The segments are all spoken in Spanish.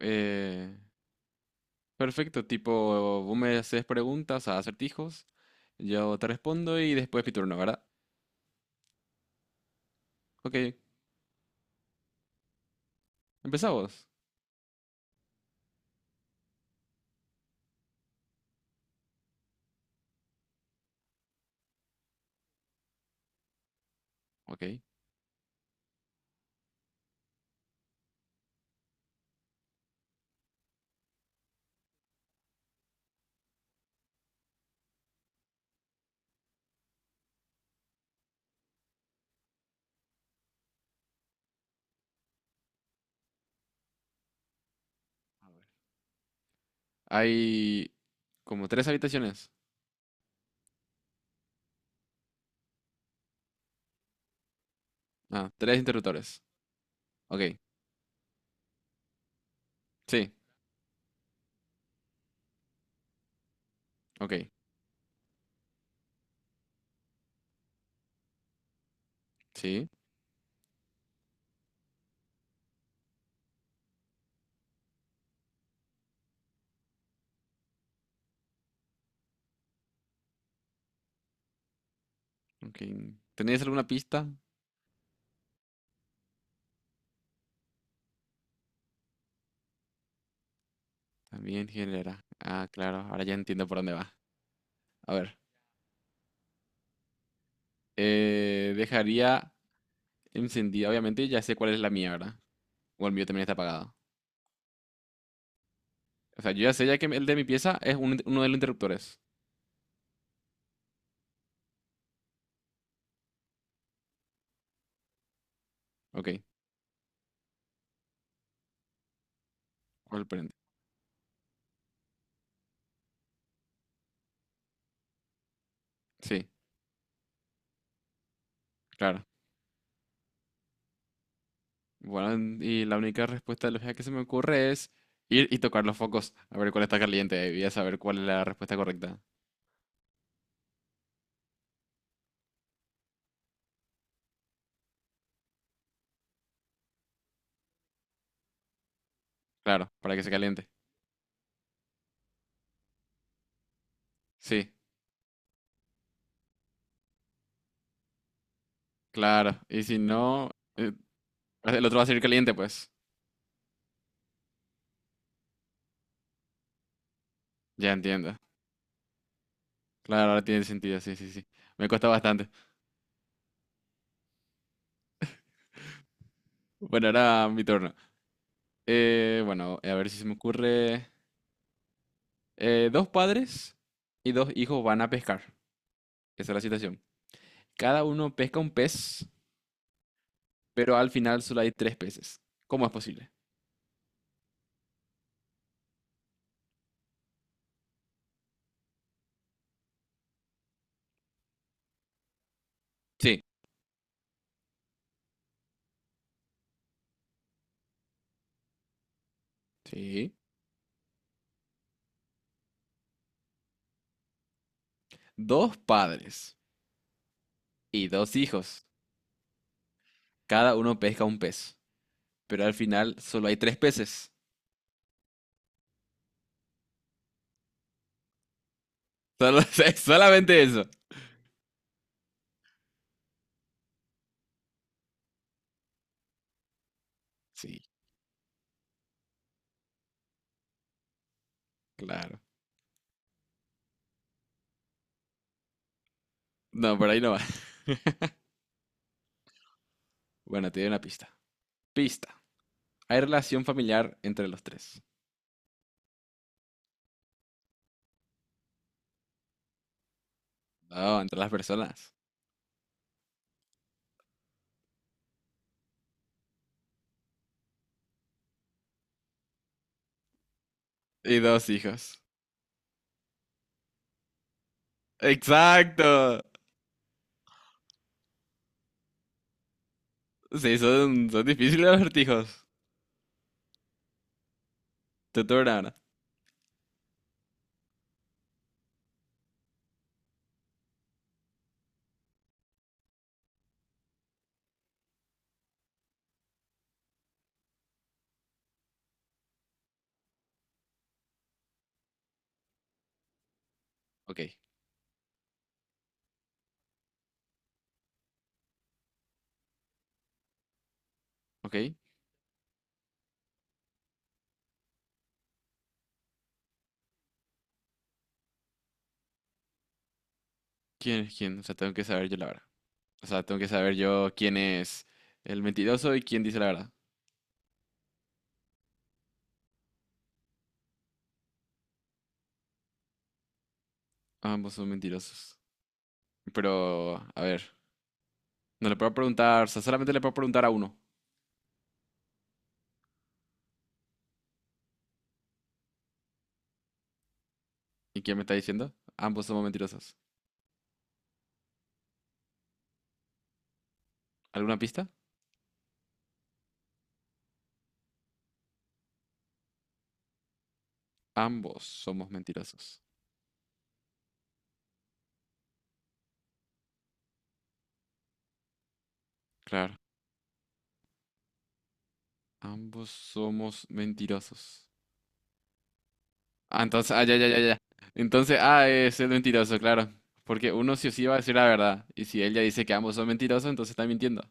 Eh, Perfecto, tipo, vos me haces preguntas, a acertijos, yo te respondo y después mi turno, ¿verdad? Ok, empezamos. Ok. A ver. Hay como tres habitaciones. Ah, tres interruptores. Ok, sí, ok, sí, ok. ¿Tenéis alguna pista? También genera. Ah, claro, ahora ya entiendo por dónde va. A ver, dejaría encendida, obviamente, ya sé cuál es la mía, ¿verdad? O el mío también está apagado. O sea, yo ya sé ya que el de mi pieza es un uno de los interruptores. Ok, o el prende. Sí, claro. Bueno, y la única respuesta lógica que se me ocurre es ir y tocar los focos, a ver cuál está caliente, y a saber cuál es la respuesta correcta. Claro, para que se caliente. Sí, claro. Y si no, eh, el otro va a salir caliente, pues. Ya entiendo. Claro, ahora tiene sentido, sí, sí, sí. Me cuesta bastante. Bueno, ahora mi turno. Bueno, a ver si se me ocurre. Dos padres y dos hijos van a pescar. Esa es la situación. Cada uno pesca un pez, pero al final solo hay tres peces. ¿Cómo es posible? Sí. Sí. Dos padres y dos hijos. Cada uno pesca un pez, pero al final solo hay tres peces. Solo- es solamente eso. Sí, claro. No, por ahí no va. Bueno, te doy una pista. Pista. Hay relación familiar entre los tres. No, entre las personas. Y dos hijos. Exacto. Sí, son, son difíciles los acertijos. Te turno ahora. Ok, ok. ¿Quién es quién? O sea, tengo que saber yo la verdad. O sea, tengo que saber yo quién es el mentiroso y quién dice la verdad. Ambos son mentirosos. Pero, a ver, no le puedo preguntar, o sea, solamente le puedo preguntar a uno. ¿Y quién me está diciendo? Ambos somos mentirosos. ¿Alguna pista? Ambos somos mentirosos. Claro, ambos somos mentirosos. Ah, entonces, ah, ya, ya, ya, ya. Entonces, ah, es el mentiroso, claro. Porque uno sí o sí va a decir la verdad. Y si ella dice que ambos son mentirosos, entonces está mintiendo.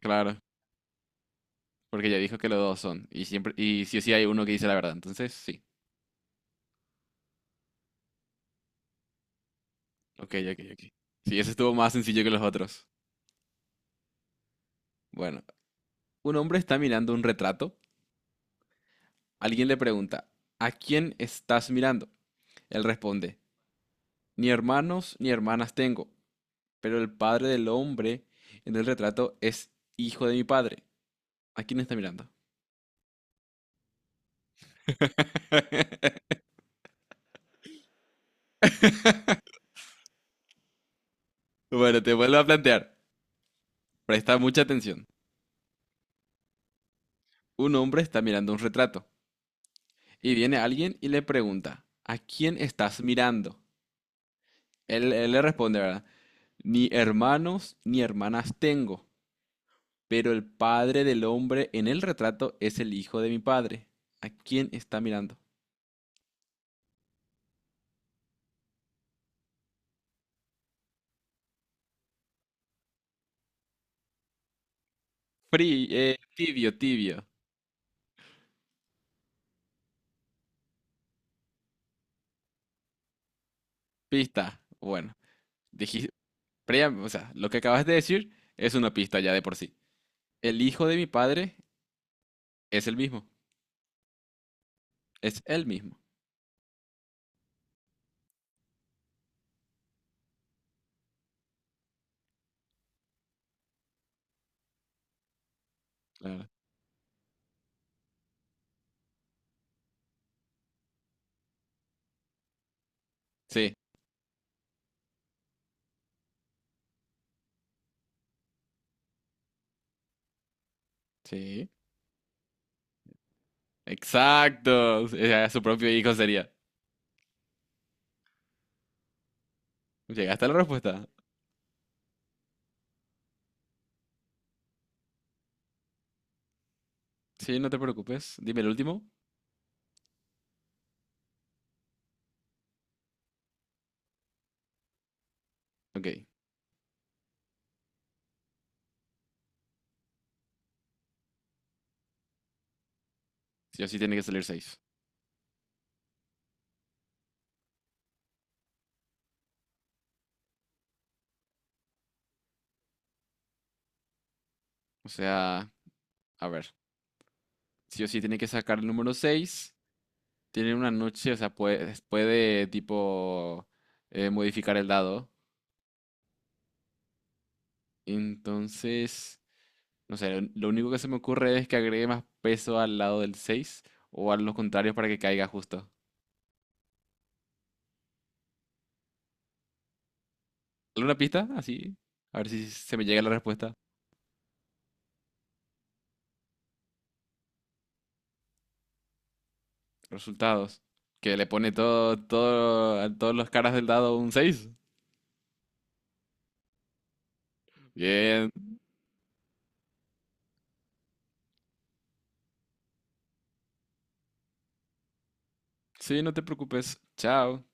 Claro. Porque ya dijo que los dos son. Y siempre, y sí o sí hay uno que dice la verdad. Entonces, sí. Ok, ok, ok. Sí, ese estuvo más sencillo que los otros. Bueno, un hombre está mirando un retrato. Alguien le pregunta, ¿a quién estás mirando? Él responde, ni hermanos ni hermanas tengo, pero el padre del hombre en el retrato es hijo de mi padre. ¿A quién está mirando? Bueno, te vuelvo a plantear. Presta mucha atención. Un hombre está mirando un retrato y viene alguien y le pregunta, ¿a quién estás mirando? Él le responde, ¿verdad? Ni hermanos ni hermanas tengo, pero el padre del hombre en el retrato es el hijo de mi padre. ¿A quién está mirando? Tibio, tibio. Pista. Bueno, dijiste, o sea, lo que acabas de decir es una pista ya de por sí. El hijo de mi padre es el mismo. Es el mismo. Claro. Sí, sí. Exacto. Era su propio hijo sería. Llegaste a la respuesta. Sí, no te preocupes. Dime el último. Ok. Sí o sí tiene que salir seis. O sea, a ver. Sí o sí tiene que sacar el número 6. Tiene una noche, o sea, puede tipo modificar el dado. Entonces, no sé, lo único que se me ocurre es que agregue más peso al lado del 6 o a los contrarios para que caiga justo. ¿Alguna pista? Así. A ver si se me llega la respuesta. Resultados. Que le pone todo, todo, a todos los caras del dado un 6. Bien. Sí, no te preocupes. Chao.